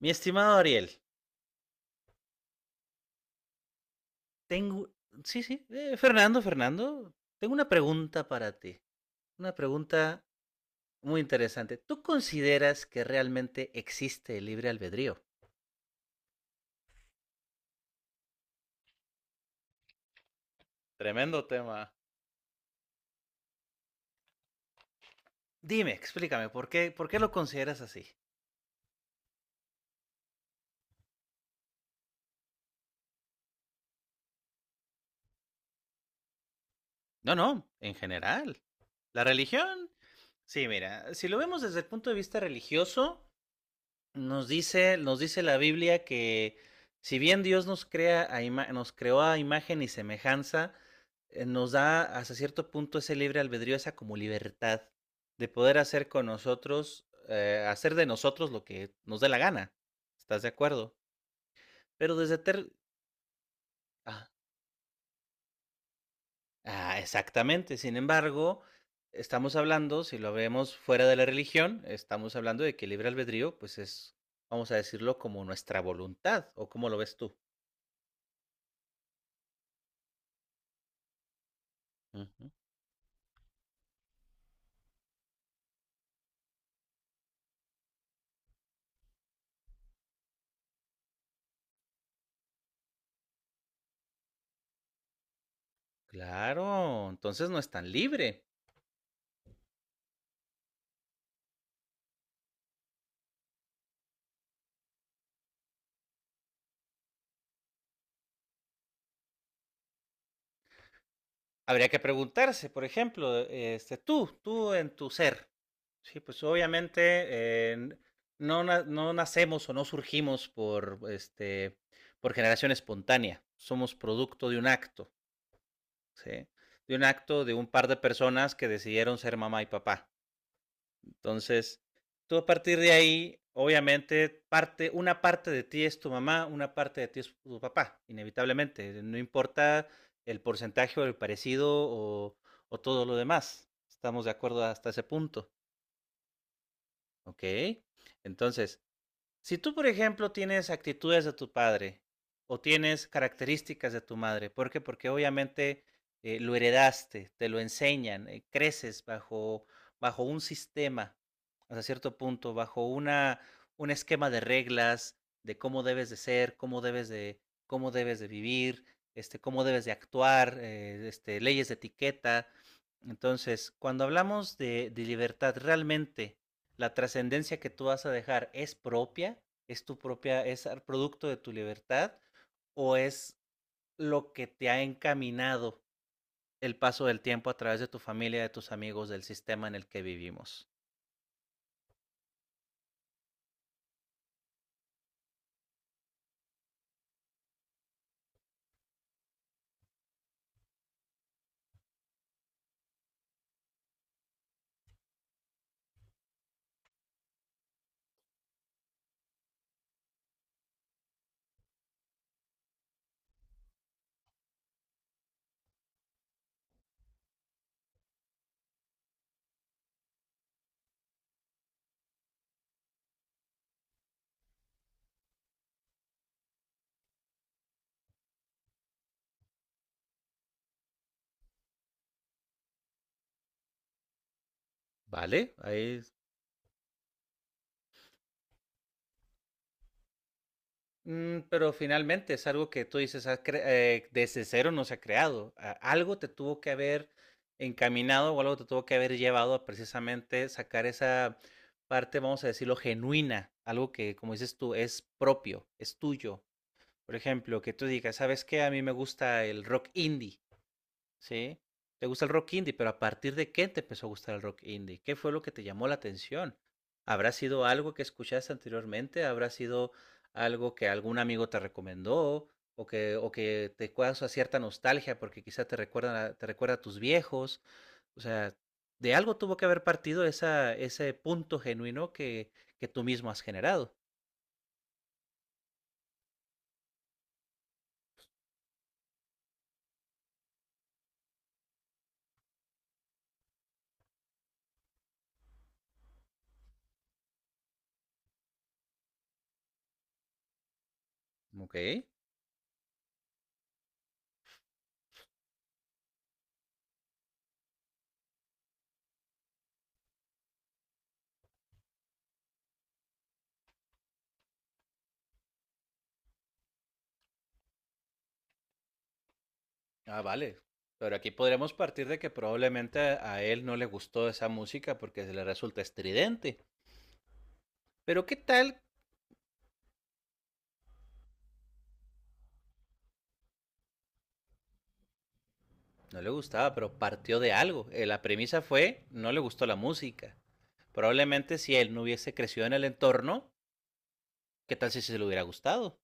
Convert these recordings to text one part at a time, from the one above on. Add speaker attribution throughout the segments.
Speaker 1: Mi estimado Ariel, tengo... Sí, sí, Fernando, tengo una pregunta para ti. Una pregunta muy interesante. ¿Tú consideras que realmente existe el libre albedrío? Tremendo tema. Dime, explícame, ¿por qué lo consideras así? No, no, en general. La religión. Sí, mira, si lo vemos desde el punto de vista religioso, nos dice la Biblia que, si bien Dios nos crea a nos creó a imagen y semejanza, nos da hasta cierto punto ese libre albedrío, esa como libertad de poder hacer con nosotros, hacer de nosotros lo que nos dé la gana. ¿Estás de acuerdo? Pero desde ah, ah, exactamente. Sin embargo, estamos hablando, si lo vemos fuera de la religión, estamos hablando de que el libre albedrío, pues es, vamos a decirlo, como nuestra voluntad, ¿o cómo lo ves tú? Ujú. Claro, entonces no es tan libre. Habría que preguntarse, por ejemplo, tú en tu ser. Sí, pues obviamente eh, n- no, no nacemos o no surgimos por, por generación espontánea. Somos producto de un acto, ¿sí? De un acto de un par de personas que decidieron ser mamá y papá. Entonces, tú a partir de ahí, obviamente, parte, una parte de ti es tu mamá, una parte de ti es tu papá, inevitablemente. No importa el porcentaje o el parecido o todo lo demás. Estamos de acuerdo hasta ese punto. Ok. Entonces, si tú, por ejemplo, tienes actitudes de tu padre o tienes características de tu madre, ¿por qué? Porque obviamente lo heredaste, te lo enseñan, creces bajo, bajo un sistema, hasta cierto punto, bajo una, un esquema de reglas, de cómo debes de ser, cómo debes de vivir, cómo debes de actuar, leyes de etiqueta. Entonces, cuando hablamos de libertad, realmente la trascendencia que tú vas a dejar es propia, es tu propia, es el producto de tu libertad o es lo que te ha encaminado el paso del tiempo a través de tu familia, de tus amigos, del sistema en el que vivimos. ¿Vale? Ahí. Mm, pero finalmente es algo que tú dices, "Ah, desde cero no se ha creado. Algo te tuvo que haber encaminado o algo te tuvo que haber llevado a precisamente sacar esa parte, vamos a decirlo, genuina, algo que, como dices tú, es propio, es tuyo. Por ejemplo, que tú digas, ¿sabes qué? A mí me gusta el rock indie. Sí, te gusta el rock indie, pero ¿a partir de qué te empezó a gustar el rock indie? ¿Qué fue lo que te llamó la atención? ¿Habrá sido algo que escuchaste anteriormente? ¿Habrá sido algo que algún amigo te recomendó? O que te causa cierta nostalgia porque quizá te recuerda, te recuerda a tus viejos? O sea, de algo tuvo que haber partido esa, ese punto genuino que tú mismo has generado. Ok. Ah, vale. Pero aquí podríamos partir de que probablemente a él no le gustó esa música porque se le resulta estridente. Pero ¿qué tal? No le gustaba, pero partió de algo. La premisa fue, no le gustó la música. Probablemente si él no hubiese crecido en el entorno, ¿qué tal si se le hubiera gustado?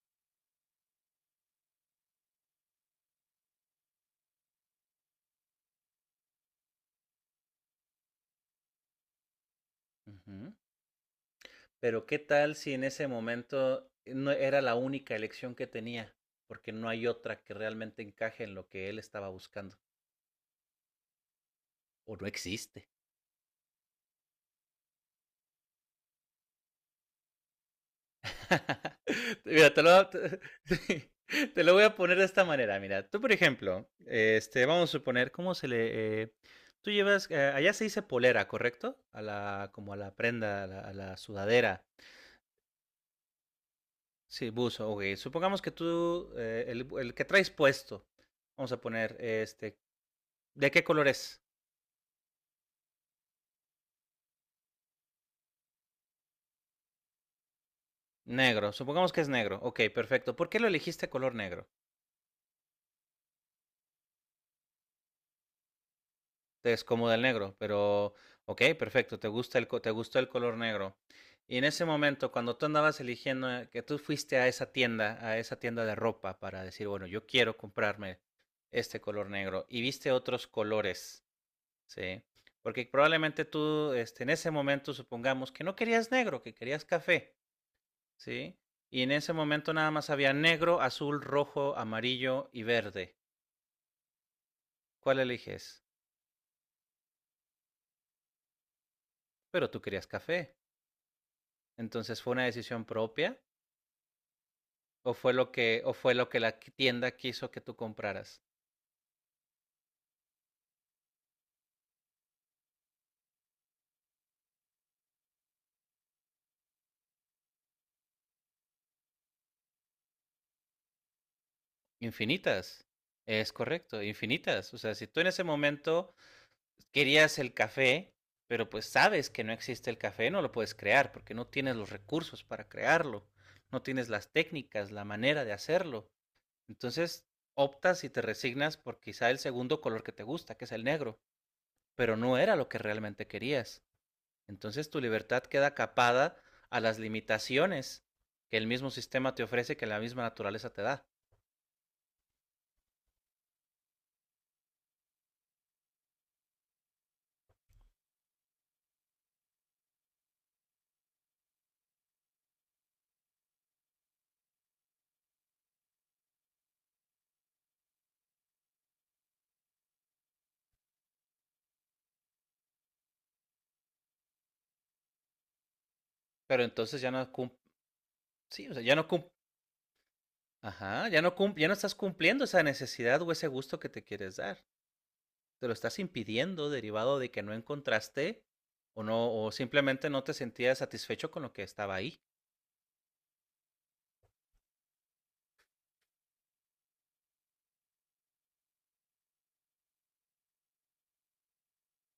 Speaker 1: Ujú. Pero ¿qué tal si en ese momento no era la única elección que tenía? Porque no hay otra que realmente encaje en lo que él estaba buscando. O no existe. Mira, te lo, te, te lo voy a poner de esta manera. Mira, tú, por ejemplo, vamos a suponer, ¿cómo se le...? Tú llevas, allá se dice polera, ¿correcto? A la, como a la prenda, a la sudadera. Sí, buzo, ok. Supongamos que tú, el que traes puesto, vamos a poner, ¿de qué color es? Negro. Supongamos que es negro. Ok, perfecto. ¿Por qué lo elegiste color negro? Es como el negro, pero ok, perfecto, te gusta el, te gustó el color negro. Y en ese momento, cuando tú andabas eligiendo, que tú fuiste a esa tienda de ropa para decir, bueno, yo quiero comprarme este color negro y viste otros colores, ¿sí? Porque probablemente tú, en ese momento, supongamos que no querías negro, que querías café, ¿sí? Y en ese momento nada más había negro, azul, rojo, amarillo y verde. ¿Cuál eliges? Pero tú querías café. ¿Entonces fue una decisión propia o fue lo que, o fue lo que la tienda quiso que tú compraras? Infinitas. Es correcto, infinitas. O sea, si tú en ese momento querías el café, pero pues sabes que no existe el café, no lo puedes crear porque no tienes los recursos para crearlo, no tienes las técnicas, la manera de hacerlo. Entonces optas y te resignas por quizá el segundo color que te gusta, que es el negro, pero no era lo que realmente querías. Entonces tu libertad queda capada a las limitaciones que el mismo sistema te ofrece, que la misma naturaleza te da. Pero entonces ya no cum, sí, o sea, ya no cum. Ajá, ya no cum, ya no estás cumpliendo esa necesidad o ese gusto que te quieres dar. Te lo estás impidiendo derivado de que no encontraste o no, o simplemente no te sentías satisfecho con lo que estaba ahí.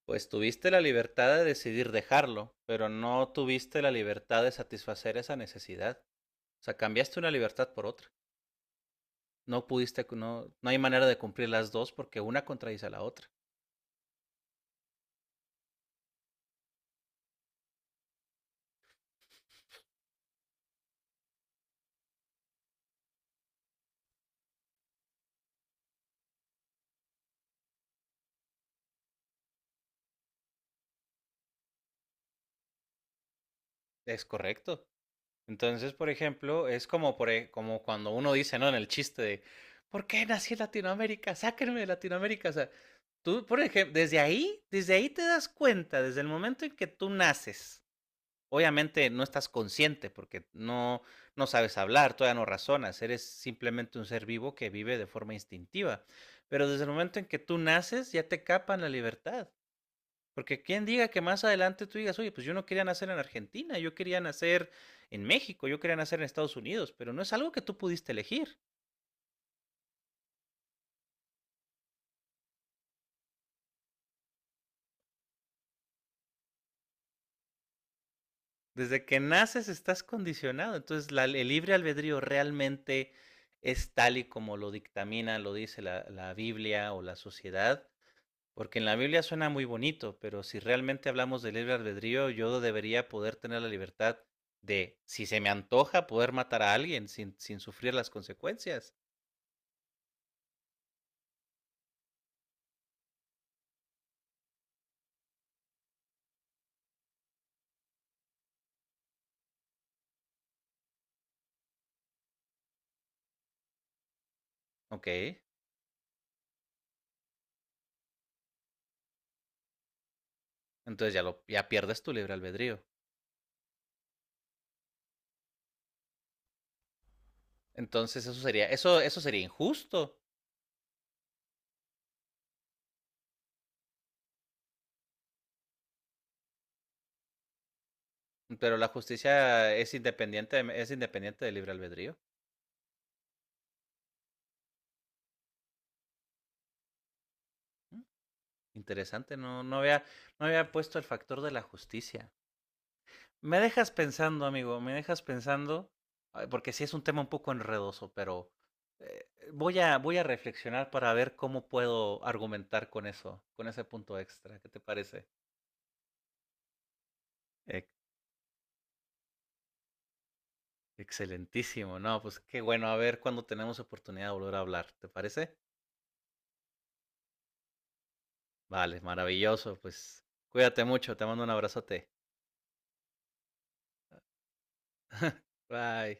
Speaker 1: Pues tuviste la libertad de decidir dejarlo, pero no tuviste la libertad de satisfacer esa necesidad. O sea, cambiaste una libertad por otra. No pudiste, no, no hay manera de cumplir las dos porque una contradice a la otra. Es correcto. Entonces, por ejemplo, es como, como cuando uno dice, ¿no? En el chiste de, ¿por qué nací en Latinoamérica? Sáquenme de Latinoamérica. O sea, tú, por ejemplo, desde ahí te das cuenta, desde el momento en que tú naces. Obviamente no estás consciente porque no, no sabes hablar, todavía no razonas, eres simplemente un ser vivo que vive de forma instintiva. Pero desde el momento en que tú naces, ya te capan la libertad. Porque quién diga que más adelante tú digas, oye, pues yo no quería nacer en Argentina, yo quería nacer en México, yo quería nacer en Estados Unidos, pero no es algo que tú pudiste elegir. Desde que naces estás condicionado. Entonces, el libre albedrío realmente es tal y como lo dictamina, lo dice la, la Biblia o la sociedad. Porque en la Biblia suena muy bonito, pero si realmente hablamos del libre albedrío, yo debería poder tener la libertad de, si se me antoja, poder matar a alguien sin, sin sufrir las consecuencias. Ok. Entonces ya lo, ya pierdes tu libre albedrío. Entonces eso sería, eso sería injusto. Pero la justicia es independiente del libre albedrío. ¿Mm? Interesante, no, no había, no había puesto el factor de la justicia. Me dejas pensando, amigo, me dejas pensando, porque sí es un tema un poco enredoso, pero voy a, voy a reflexionar para ver cómo puedo argumentar con eso, con ese punto extra. ¿Qué te parece? Excelentísimo, no, pues qué bueno, a ver cuando tenemos oportunidad de volver a hablar, ¿te parece? Vale, maravilloso, pues cuídate mucho, te mando un abrazote. Bye.